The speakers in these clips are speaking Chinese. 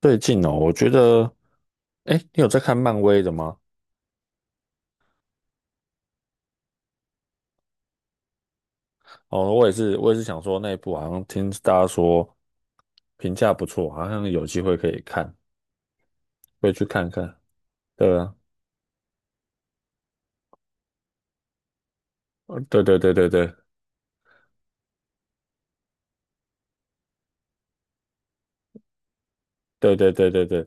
最近哦，我觉得，哎，你有在看漫威的吗？哦，我也是，想说那一部好像听大家说评价不错，好像有机会可以看，会去看看。对啊，对对对对对对对对对对，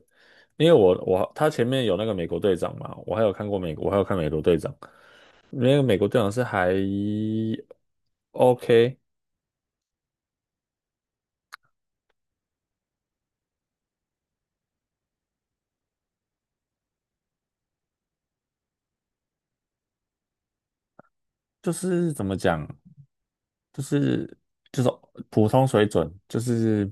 因为他前面有那个美国队长嘛，我还有看美国队长，那个美国队长是还 OK，就是怎么讲，就是就是普通水准，就是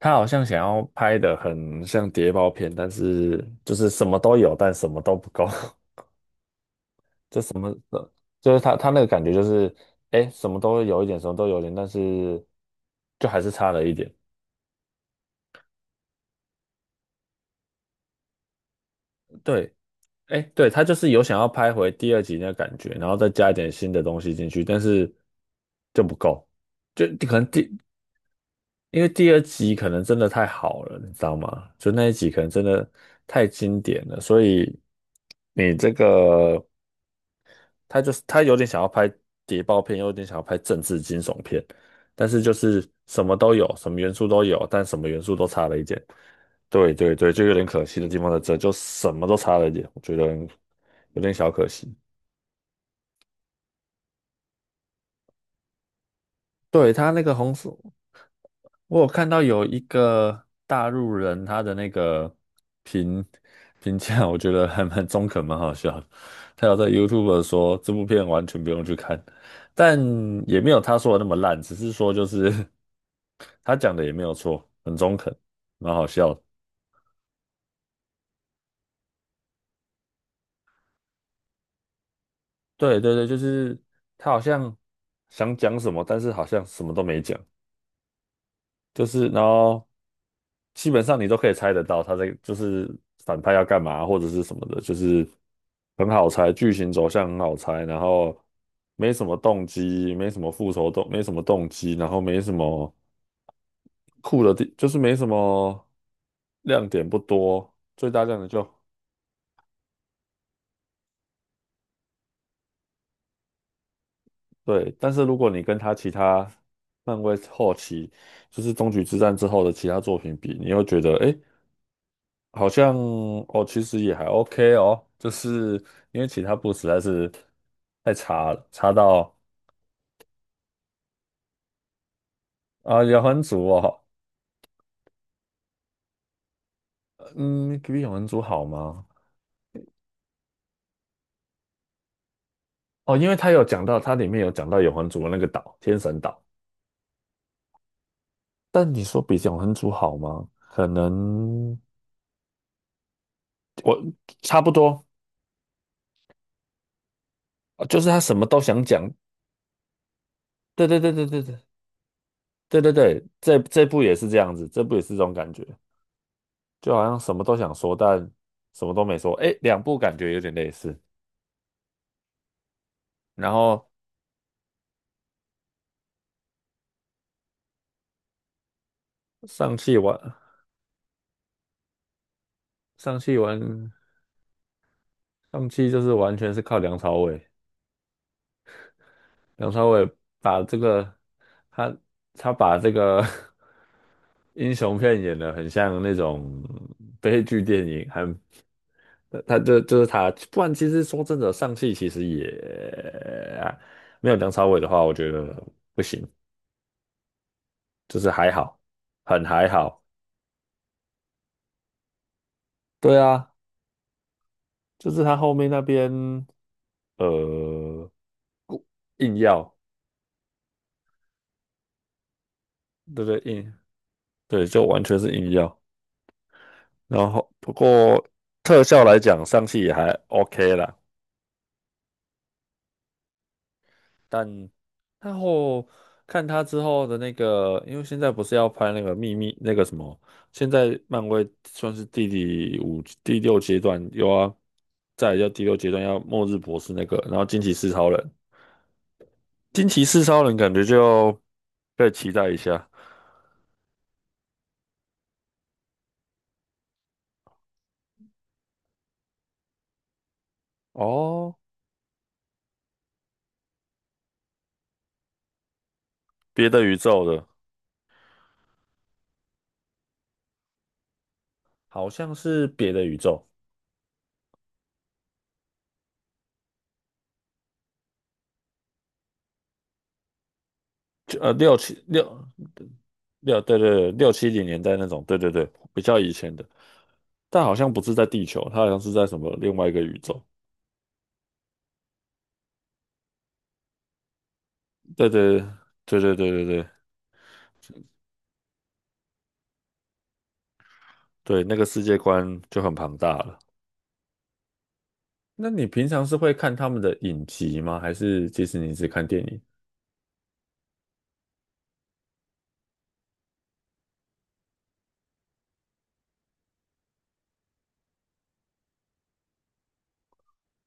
他好像想要拍的很像谍报片，但是就是什么都有，但什么都不够。就什么就是他那个感觉就是，哎，什么都有一点，什么都有一点，但是就还是差了一点。对，哎，对，他就是有想要拍回第二集那个感觉，然后再加一点新的东西进去，但是就不够。就可能第因为第二集可能真的太好了，你知道吗？就那一集可能真的太经典了，所以你这个他就是他有点想要拍谍报片，又有点想要拍政治惊悚片，但是就是什么都有，什么元素都有，但什么元素都差了一点。对对对，就有点可惜的地方在这，就什么都差了一点，我觉得有点小可惜。对，他那个红色。我有看到有一个大陆人，他的那个评评价，我觉得还蛮中肯，蛮好笑的。他有在 YouTube 说这部片完全不用去看，但也没有他说的那么烂，只是说就是 他讲的也没有错，很中肯，蛮好笑的。对对对，就是他好像想讲什么，但是好像什么都没讲。就是然后基本上你都可以猜得到他在就是反派要干嘛或者是什么的，就是很好猜，剧情走向很好猜，然后没什么动机，没什么复仇动，没什么动机，然后没什么酷的地，就是没什么亮点不多，最大亮点就对。但是如果你跟他其他漫威后期就是终局之战之后的其他作品比，你又觉得诶好像哦，其实也还 OK 哦，就是因为其他部实在是太差了，差到啊，永恒族哦，嗯，比永恒族好吗？哦，因为他有讲到，它里面有讲到永恒族的那个岛，天神岛，但你说比永恒族好吗？可能我差不多。哦就是他什么都想讲，对对对对对对对对对，这部也是这样子，这部也是这种感觉，就好像什么都想说，但什么都没说，哎，两部感觉有点类似。然后上汽完上汽完上汽就是完全是靠梁朝伟，梁朝伟把这个他他把这个 英雄片演的很像那种悲剧电影，很他就就是他，不然其实说真的，上汽其实也没有梁朝伟的话，我觉得不行，就是还好，很还好。对啊，就是他后面那边呃硬要，对不对？对，就完全是硬要。然后不过特效来讲，上汽也还 OK 啦，但然后看他之后的那个，因为现在不是要拍那个秘密那个什么，现在漫威算是第五第六阶段有啊，又要再来就第六阶段要末日博士那个，然后惊奇四超人，惊奇四超人感觉就可以期待一下。哦，别的宇宙的，好像是别的宇宙。就六七六六对对对，六七零年代那种，对对对，比较以前的，但好像不是在地球，它好像是在什么另外一个宇宙。对对对对对对对对，那个世界观就很庞大了。那你平常是会看他们的影集吗？还是迪士尼只看电影？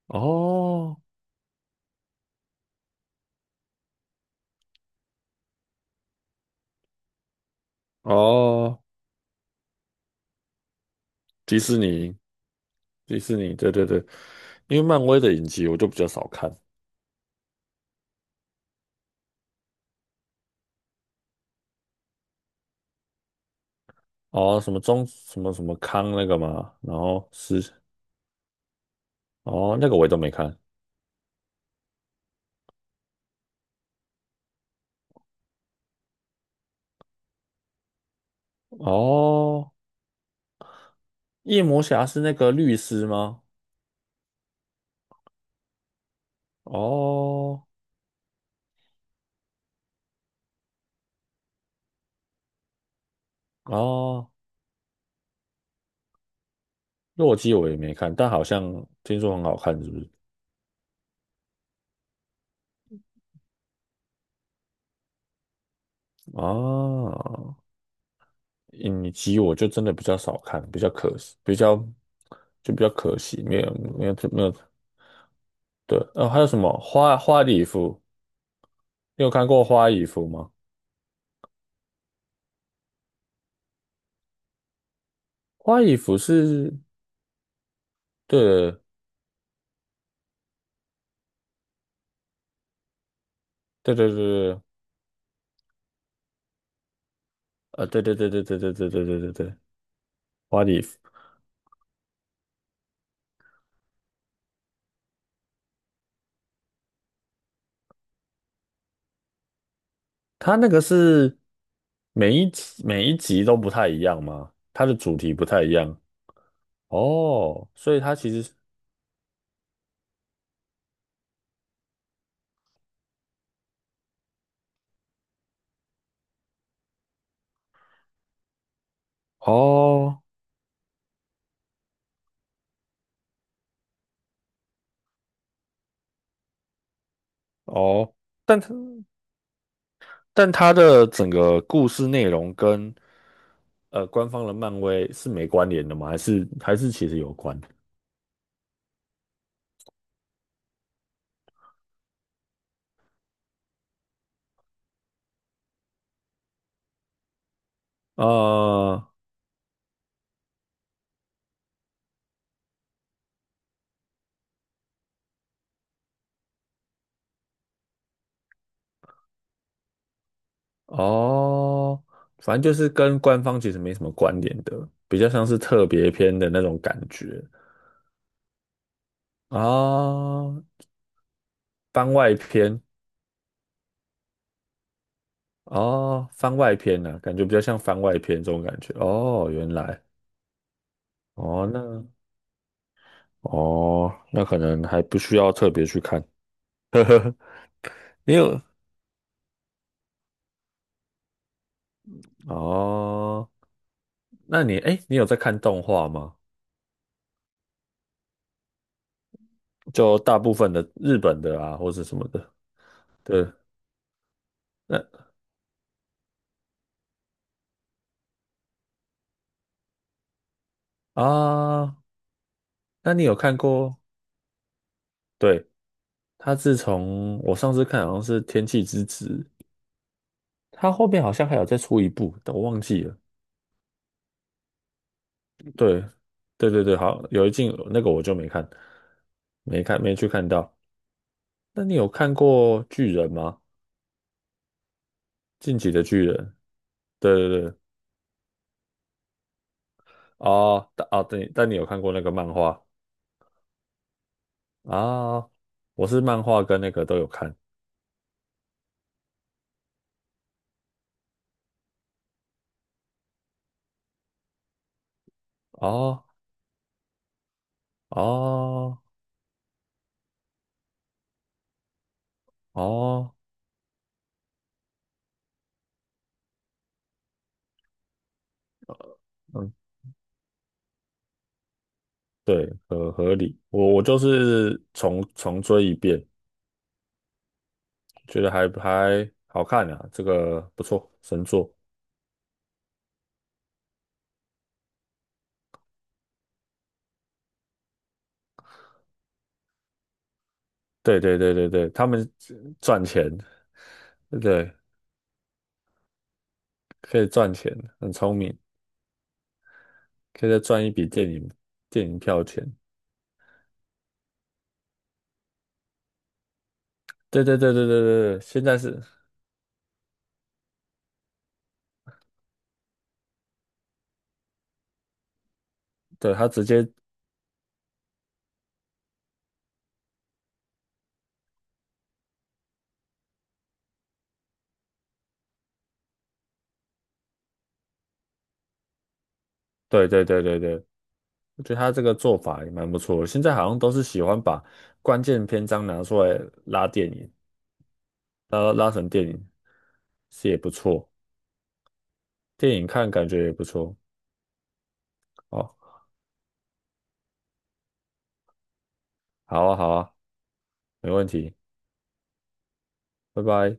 哦哦，迪士尼，迪士尼，对对对，因为漫威的影集我就比较少看。哦，什么中什么什么康那个嘛，然后是哦那个我也都没看。哦，夜魔侠是那个律师吗？哦哦，洛基我也没看，但好像听说很好看，是不是？啊，影集我就真的比较少看，比较可惜，比较就比较可惜，没有没有没有。对，哦，还有什么花礼服？你有看过花礼服吗？花里服是，对对对对对，对对对对对对对对对对对，花礼服。它那个是每一集每一集都不太一样吗？它的主题不太一样哦，所以它其实是哦哦，但它但它的整个故事内容跟官方的漫威是没关联的吗？还是其实有关？啊？哦，反正就是跟官方其实没什么关联的，比较像是特别篇的那种感觉啊，番外篇。哦，番外篇呢、感觉比较像番外篇这种感觉。哦，原来，哦，那哦，那可能还不需要特别去看。你有哦？那你哎，你有在看动画吗？就大部分的日本的啊，或者什么的。对，那啊，那你有看过？对，他自从我上次看好像是《天气之子》，他后面好像还有再出一部，但我忘记了。对，对对对，好，有一进那个我就没看，没去看到。那你有看过巨人吗？进击的巨人，对对对，哦，哦，对，但你有看过那个漫画啊？我是漫画跟那个都有看，哦哦哦，嗯，对，合理。我就是重追一遍，觉得还好看啊，这个不错，神作。对对对对对，他们赚钱，对。可以赚钱，很聪明，可以再赚一笔电影票钱。对对对对对对对，现在是，对，他直接，对对对对对，我觉得他这个做法也蛮不错的。现在好像都是喜欢把关键篇章拿出来拉电影，拉成电影，是也不错，电影看感觉也不错。哦，好啊好啊，没问题，拜拜。